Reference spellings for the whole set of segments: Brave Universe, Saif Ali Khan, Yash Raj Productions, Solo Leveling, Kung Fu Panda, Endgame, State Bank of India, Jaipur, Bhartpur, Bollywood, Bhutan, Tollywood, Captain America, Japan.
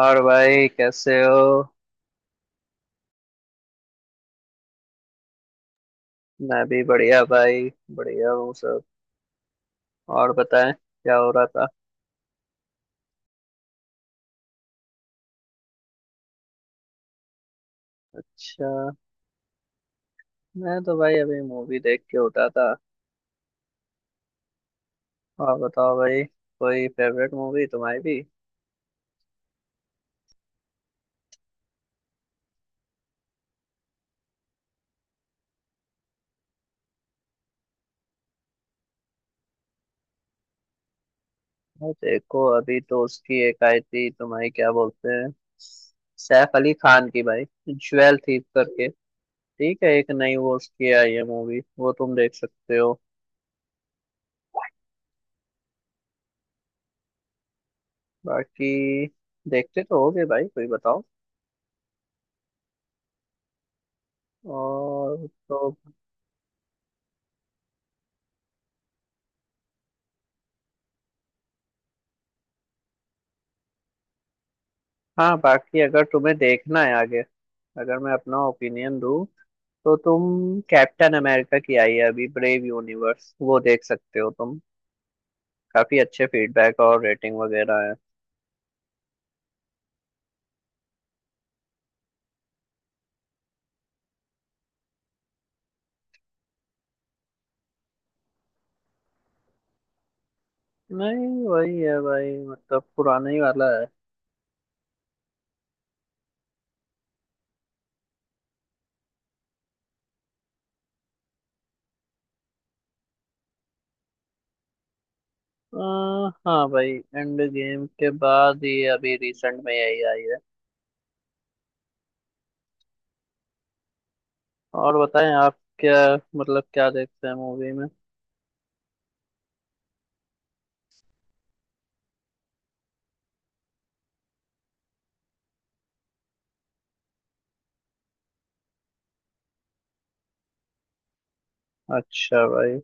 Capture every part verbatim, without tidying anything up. और भाई कैसे हो। मैं भी बढ़िया भाई। बढ़िया हूँ सब। और बताएं क्या हो रहा था। अच्छा। मैं तो भाई अभी मूवी देख के उठा था। और बताओ भाई। कोई फेवरेट मूवी तुम्हारी भी। भाई देखो अभी तो उसकी एक आई थी तुम्हारी क्या बोलते हैं, सैफ अली खान की भाई, ज्वेल थी करके। ठीक है, एक नई वो उसकी आई है मूवी, वो तुम देख सकते हो। बाकी देखते तो होगे भाई, कोई बताओ। और तो। हाँ बाकी अगर तुम्हें देखना है आगे, अगर मैं अपना ओपिनियन दूँ तो तुम कैप्टन अमेरिका की आई है अभी ब्रेव यूनिवर्स, वो देख सकते हो तुम। काफी अच्छे फीडबैक और रेटिंग वगैरह है। नहीं वही है भाई, मतलब पुराना ही वाला है। आ, हाँ भाई, एंड गेम के बाद ये अभी रिसेंट में यही आई है। और बताएं आप क्या, मतलब क्या देखते हैं मूवी में। अच्छा भाई,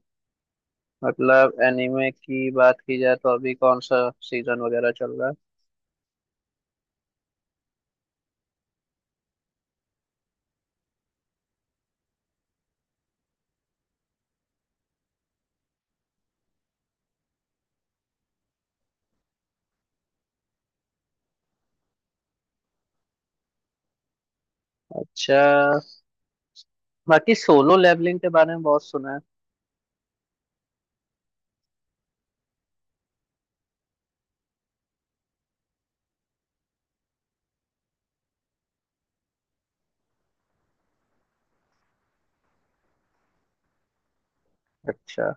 मतलब एनिमे की बात की जाए तो अभी कौन सा सीजन वगैरह चल रहा है। अच्छा, बाकी सोलो लेवलिंग के बारे में बहुत सुना है। अच्छा।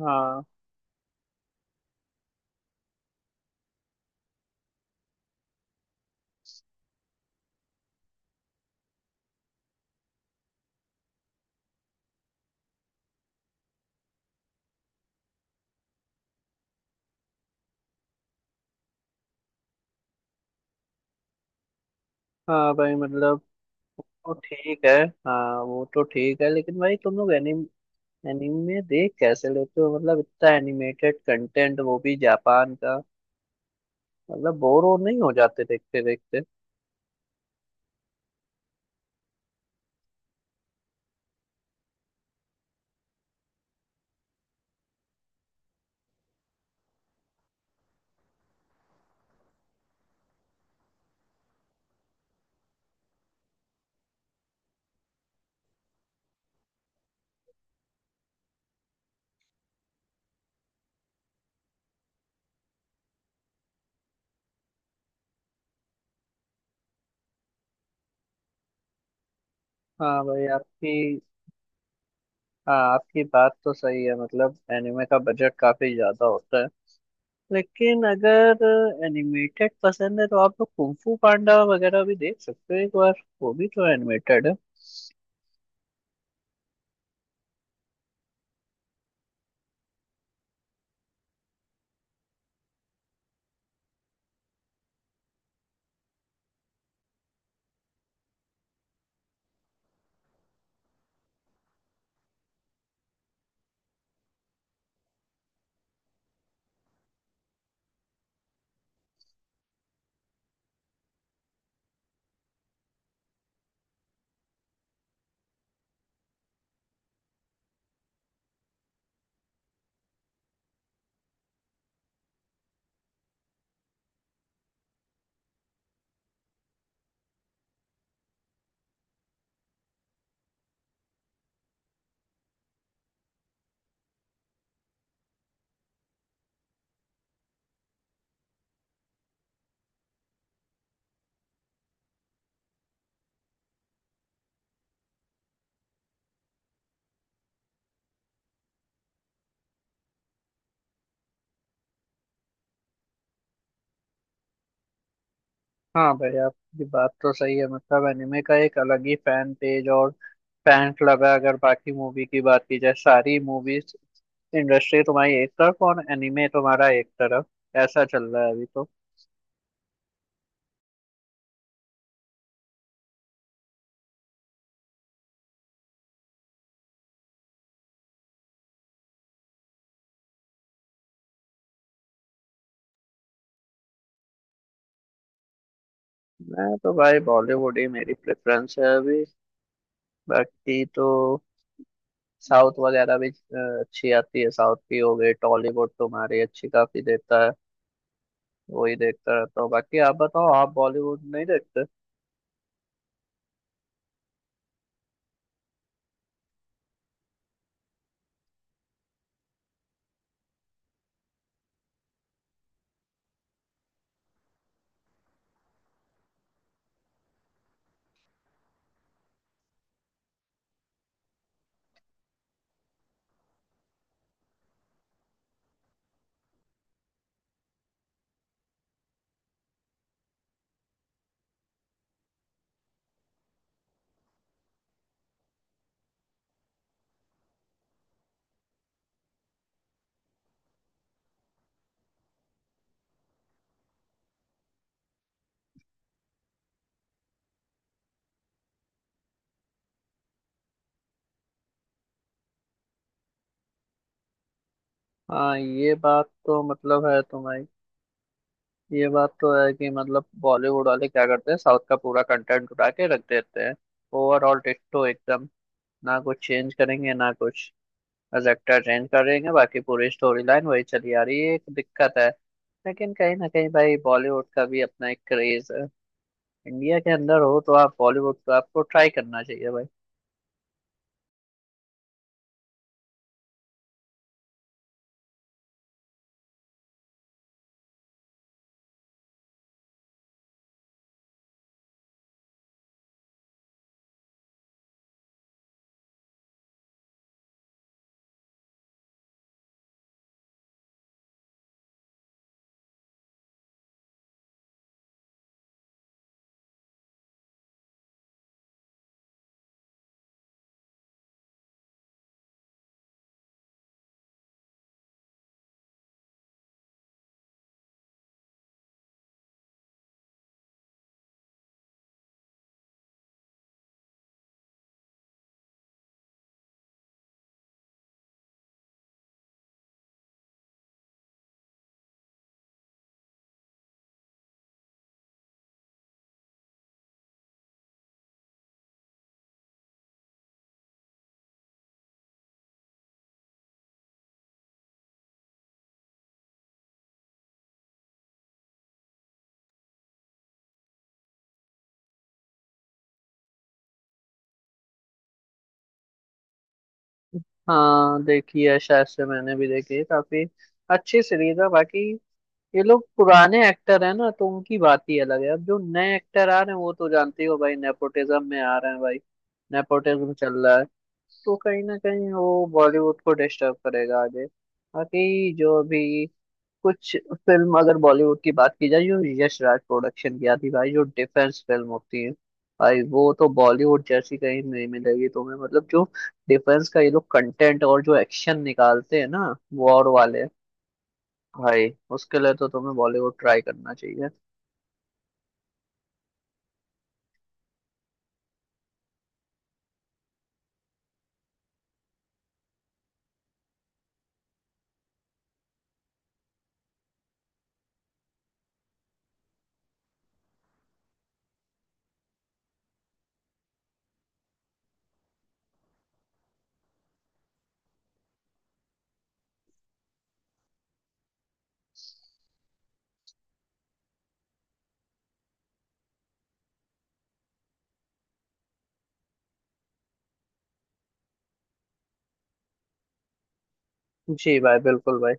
हाँ हाँ भाई मतलब। वो ठीक है। हाँ वो तो ठीक है, लेकिन भाई तुम लोग एनिम एनिमे देख कैसे लेते हो, मतलब इतना एनिमेटेड कंटेंट वो भी जापान का, मतलब बोर हो नहीं हो जाते देखते देखते हाँ भाई आपकी। हाँ आपकी बात तो सही है, मतलब एनिमे का बजट काफी ज्यादा होता है। लेकिन अगर एनिमेटेड पसंद है तो आप लोग कुंग फू पांडा वगैरह भी देख सकते हो एक बार। वो भी तो एनिमेटेड है। हाँ भाई आपकी बात तो सही है, मतलब एनिमे का एक अलग ही फैन पेज और फैन क्लब है। अगर बाकी मूवी की बात की जाए, सारी मूवीज इंडस्ट्री तुम्हारी एक तरफ और एनिमे तुम्हारा एक तरफ, ऐसा चल रहा है अभी तो। मैं तो भाई बॉलीवुड ही मेरी प्रेफरेंस है अभी। बाकी तो साउथ वगैरह भी अ, अच्छी आती है, साउथ की हो गई टॉलीवुड तुम्हारी अच्छी काफी देखता है, वही देखता रहता हूँ। बाकी आप बताओ, आप बॉलीवुड नहीं देखते। हाँ ये बात तो मतलब है तुम्हारी, ये बात तो है कि मतलब बॉलीवुड वाले क्या करते हैं साउथ का पूरा कंटेंट उठा के रख देते हैं। ओवरऑल डिट्टो एकदम, ना कुछ चेंज करेंगे ना कुछ, बस एक्टर चेंज करेंगे, बाकी पूरी स्टोरी लाइन वही चली आ रही है, एक दिक्कत है। लेकिन कहीं ना कहीं भाई बॉलीवुड का भी अपना एक क्रेज है। इंडिया के अंदर हो तो आप बॉलीवुड तो आपको ट्राई करना चाहिए भाई। हाँ देखी है शायद से, मैंने भी देखी है, काफी अच्छी सीरीज है। बाकी ये लोग पुराने एक्टर हैं ना तो उनकी बात ही अलग है। अब जो नए एक्टर आ रहे हैं वो तो जानते ही हो भाई, नेपोटिज्म में आ रहे हैं भाई, नेपोटिज्म चल रहा है। तो कहीं ना कहीं वो बॉलीवुड को डिस्टर्ब करेगा आगे। बाकी जो भी कुछ फिल्म अगर बॉलीवुड की बात की जाए, जो यश राज प्रोडक्शन की आती भाई, जो डिफेंस फिल्म होती है भाई, वो तो बॉलीवुड जैसी कहीं नहीं मिलेगी तुम्हें। मतलब जो डिफेंस का ये लोग कंटेंट और जो एक्शन निकालते हैं ना, वॉर वाले, भाई उसके लिए तो तुम्हें बॉलीवुड ट्राई करना चाहिए। जी भाई, बिल्कुल भाई।